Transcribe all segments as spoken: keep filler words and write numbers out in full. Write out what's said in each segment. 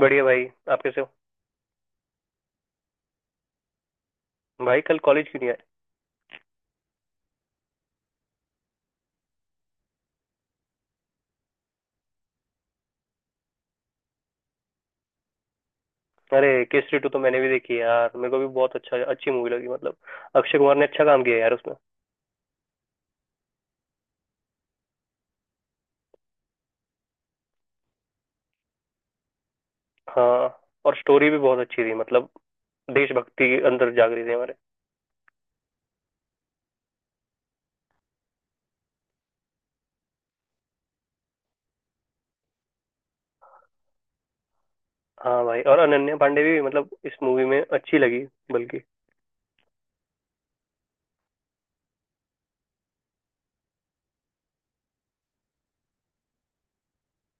बढ़िया भाई। आप कैसे हो? भाई कल कॉलेज क्यों नहीं आए? अरे केसरी टू तो मैंने भी देखी है यार, मेरे को भी बहुत अच्छा अच्छी मूवी लगी। मतलब अक्षय कुमार ने अच्छा काम किया यार उसमें। हाँ। और स्टोरी भी बहुत अच्छी थी, मतलब देशभक्ति के अंदर जाग रही थी हमारे। हाँ भाई। और अनन्या पांडे भी मतलब इस मूवी में अच्छी लगी, बल्कि।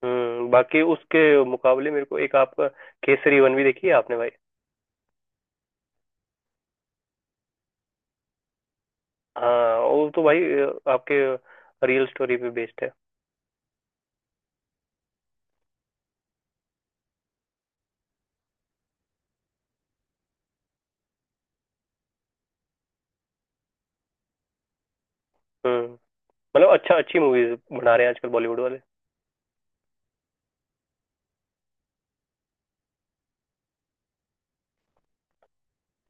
हम्म। बाकी उसके मुकाबले मेरे को एक आपका केसरी वन भी देखी है आपने भाई? हाँ वो तो भाई अ, आपके रियल स्टोरी पे बेस्ड है। हम्म। मतलब अच्छा अच्छी मूवीज बना रहे हैं आजकल बॉलीवुड वाले।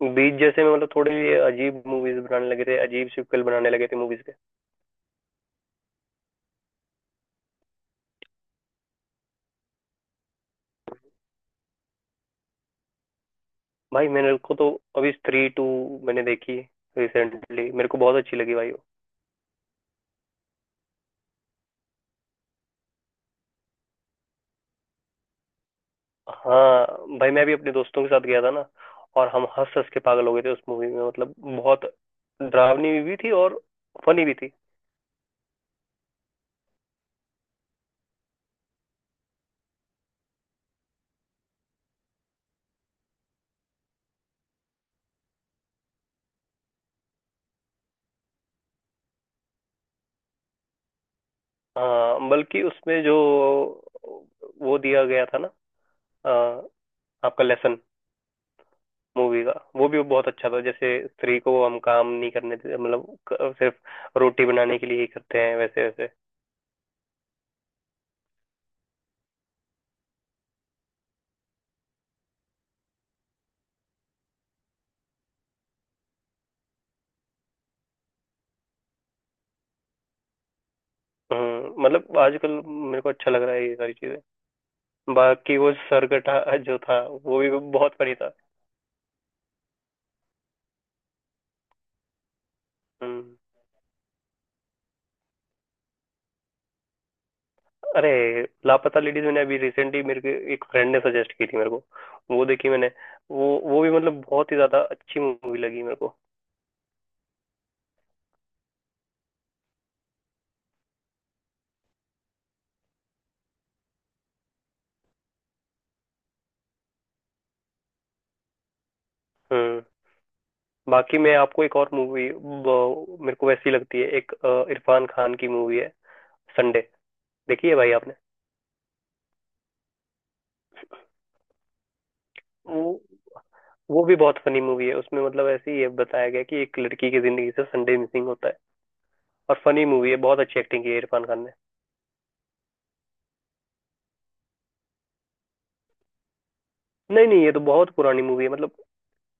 बीच जैसे में मतलब थोड़े ये अजीब मूवीज बनाने लगे थे, अजीब सिक्वल बनाने लगे थे मूवीज के। भाई मैंने को तो अभी स्त्री टू मैंने देखी रिसेंटली, मेरे को बहुत अच्छी लगी भाई वो। हाँ भाई मैं भी अपने दोस्तों के साथ गया था ना, और हम हंस हंस के पागल हो गए थे उस मूवी में। मतलब बहुत डरावनी भी थी और फनी भी थी। हाँ बल्कि उसमें जो वो दिया गया था ना अ, आपका लेसन मूवी का वो भी बहुत अच्छा था। जैसे स्त्री को हम काम नहीं करने देते मतलब क- सिर्फ रोटी बनाने के लिए ही करते हैं वैसे वैसे। हम्म। मतलब आजकल मेरे को अच्छा लग रहा है ये सारी चीजें। बाकी वो सरगटा जो था वो भी बहुत फनी था। हम्म। अरे लापता लेडीज मैंने अभी रिसेंटली, मेरे को एक फ्रेंड ने सजेस्ट की थी मेरे को, वो देखी मैंने। वो वो भी मतलब बहुत ही ज्यादा अच्छी मूवी लगी मेरे को। हम्म। बाकी मैं आपको एक और मूवी, मेरे को वैसी लगती है, एक अ, इरफान खान की मूवी है, संडे, देखी है भाई आपने? वो वो भी बहुत फनी मूवी है उसमें मतलब। ऐसे ही है, बताया गया कि एक लड़की की जिंदगी से संडे मिसिंग होता है और फनी मूवी है, बहुत अच्छी एक्टिंग की है इरफान खान ने। नहीं नहीं, ये तो बहुत पुरानी मूवी है मतलब।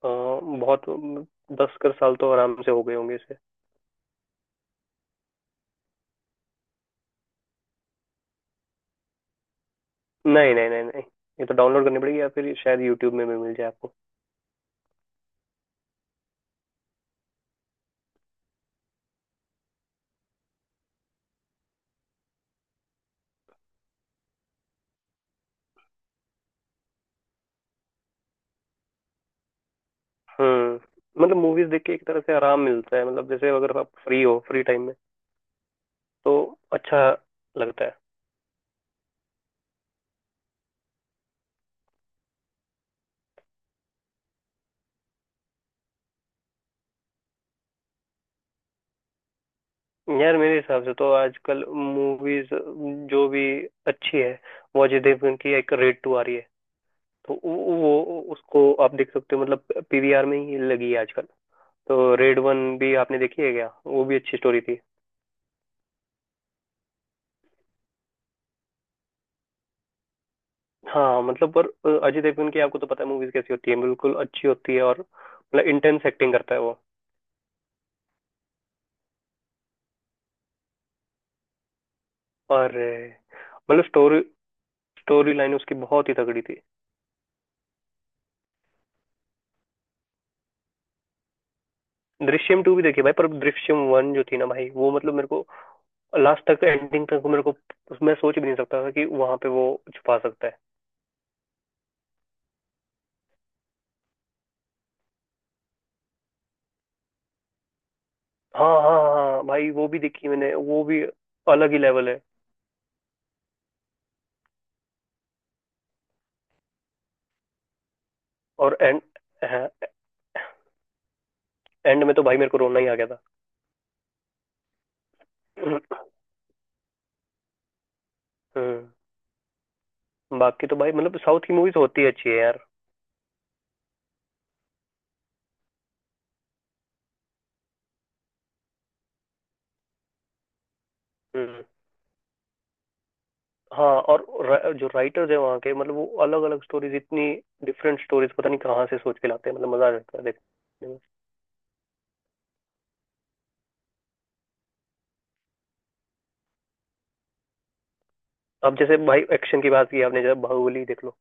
अ, बहुत दस कर साल तो आराम से हो गए होंगे इसे। नहीं नहीं नहीं नहीं, ये तो डाउनलोड करनी पड़ेगी या फिर शायद यूट्यूब में भी मिल जाए आपको। हम्म। मतलब मूवीज देख के एक तरह से आराम मिलता है, मतलब जैसे अगर आप फ्री हो फ्री टाइम में तो अच्छा लगता है। यार मेरे हिसाब से तो आजकल मूवीज जो भी अच्छी है, वो अजय देवगन की एक रेड टू आ रही है, तो वो वो- उसको आप देख सकते हो, मतलब पीवीआर में ही लगी है आजकल। तो रेड वन भी आपने देखी है क्या? वो भी अच्छी स्टोरी थी। हाँ मतलब पर अ, अजय देवगन की आपको तो पता है मूवीज कैसी होती है, बिल्कुल अच्छी होती है और मतलब इंटेंस एक्टिंग करता है वो। और अ, मतलब स्टोरी स्टोरी लाइन उसकी बहुत ही तगड़ी थी। दृश्यम टू भी देखी भाई, पर दृश्यम वन जो थी ना भाई वो मतलब, मेरे को लास्ट तक एंडिंग तक, मेरे को मैं सोच भी नहीं सकता था कि वहां पे वो छुपा सकता है। हाँ हाँ हाँ भाई, वो भी देखी मैंने वो भी। अलग ही लेवल है। और एंड एंड में तो भाई मेरे को रोना ही आ गया था। हम्म। बाकी तो भाई मतलब साउथ की मूवीज होती है अच्छी है यार। हम्म। हाँ और रा, जो राइटर्स है वहाँ के मतलब वो अलग अलग स्टोरीज इतनी डिफरेंट स्टोरीज पता नहीं कहाँ से सोच के लाते हैं, मतलब मजा आ जाता है देखने में। अब जैसे भाई एक्शन की बात की आपने, जैसे बाहुबली देख लो।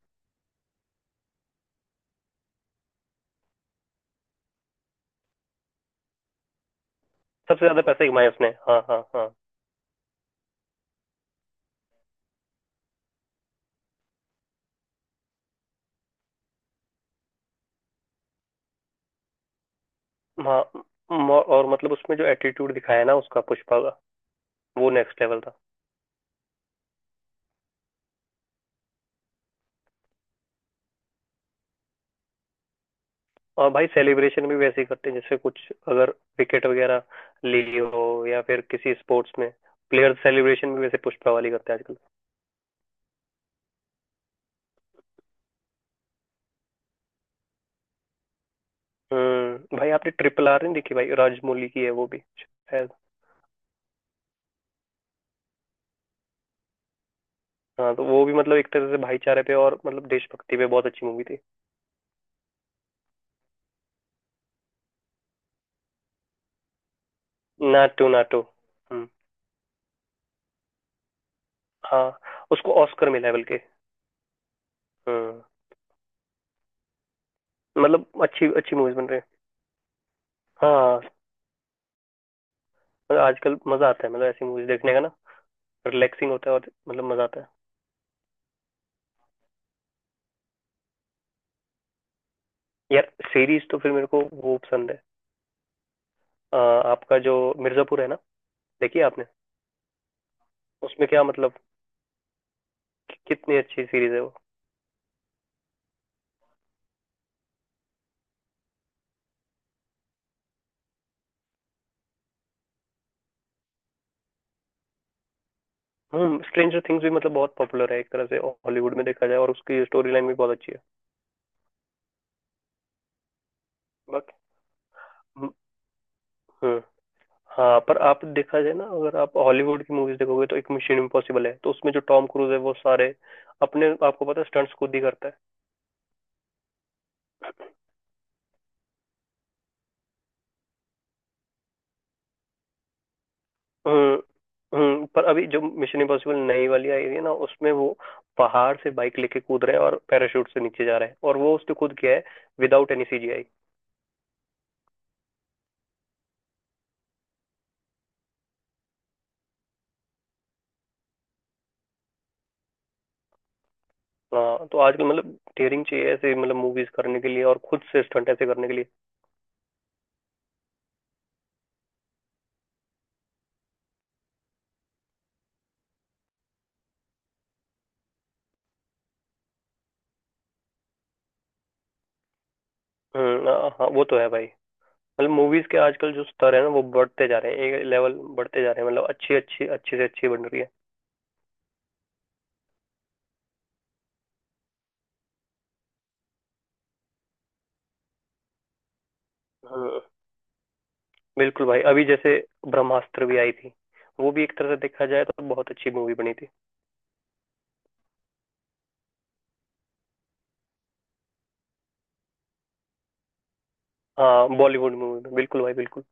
सबसे ज्यादा पैसे कमाए उसने, हाँ हाँ हाँ हाँ। म- और मतलब उसमें जो एटीट्यूड दिखाया है ना उसका पुष्पा का, वो नेक्स्ट लेवल था। और भाई सेलिब्रेशन भी वैसे ही करते हैं, जैसे कुछ अगर विकेट वगैरह ले ली हो या फिर किसी स्पोर्ट्स में, प्लेयर सेलिब्रेशन भी वैसे पुष्पा वाली करते हैं आजकल। हम्म। भाई आपने ट्रिपल आर नहीं देखी भाई? राजमौली की है वो भी शायद। हाँ तो वो भी मतलब एक तरह से भाईचारे पे और मतलब देशभक्ति पे बहुत अच्छी मूवी थी। नाटू नाटू। हम्म। हाँ उसको ऑस्कर मिला है बल्कि। हम्म। मतलब अच्छी अच्छी मूवीज बन रही है। हाँ मतलब आजकल मजा आता है मतलब ऐसी मूवीज देखने का ना, रिलैक्सिंग होता है और मतलब मजा आता है। यार सीरीज तो फिर मेरे को वो पसंद है, अ, आपका जो मिर्जापुर है ना, देखिए आपने? उसमें क्या मतलब, कि- कितनी अच्छी सीरीज है वो। हम्म। स्ट्रेंजर थिंग्स भी मतलब बहुत पॉपुलर है एक तरह से हॉलीवुड में देखा जाए, और उसकी स्टोरी लाइन भी बहुत अच्छी है। बाकी। हम्म। हम्म, हाँ पर आप देखा जाए ना, अगर आप हॉलीवुड की मूवीज देखोगे तो एक मिशन इम्पॉसिबल है, तो उसमें जो टॉम क्रूज है वो सारे अपने आपको पता है स्टंट्स खुद ही करता है। हम्म। हम्म, पर अभी जो मिशन इम्पॉसिबल नई वाली आई हुई है ना उसमें, वो पहाड़ से बाइक लेके कूद रहे हैं और पैराशूट से नीचे जा रहे हैं, और वो उसने खुद किया है विदाउट एनी सीजीआई। हाँ तो आजकल मतलब डेयरिंग चाहिए ऐसे मतलब मूवीज करने के लिए और खुद से स्टंट ऐसे करने के लिए। हम्म। हाँ हाँ, वो तो है भाई। मतलब मूवीज के आजकल जो स्तर है ना वो बढ़ते जा रहे हैं, एक लेवल बढ़ते जा रहे हैं, मतलब अच्छी अच्छी अच्छी से अच्छी बन रही है। हम्म। बिल्कुल भाई, अभी जैसे ब्रह्मास्त्र भी आई थी, वो भी एक तरह से देखा जाए तो बहुत अच्छी मूवी बनी थी। हाँ बॉलीवुड मूवी में बिल्कुल भाई बिल्कुल।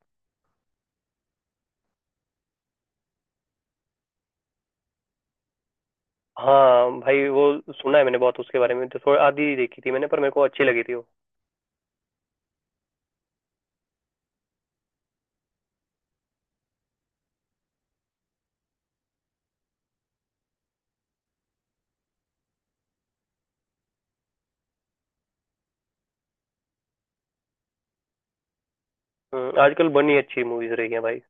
हाँ भाई वो सुना है मैंने बहुत उसके बारे में, तो थोड़ा आधी ही देखी थी मैंने, पर मेरे को अच्छी लगी थी वो। हम्म, आजकल बनी अच्छी मूवीज रही है भाई।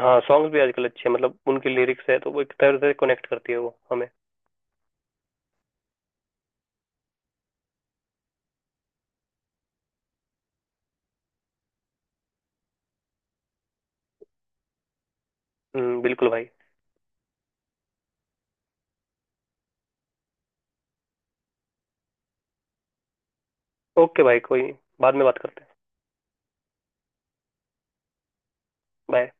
हाँ सॉन्ग्स भी आजकल अच्छे हैं, मतलब उनकी लिरिक्स है तो वो एक तरह से कनेक्ट करती है वो हमें। हम्म, बिल्कुल भाई। ओके भाई कोई नहीं, बाद में बात करते हैं। बाय।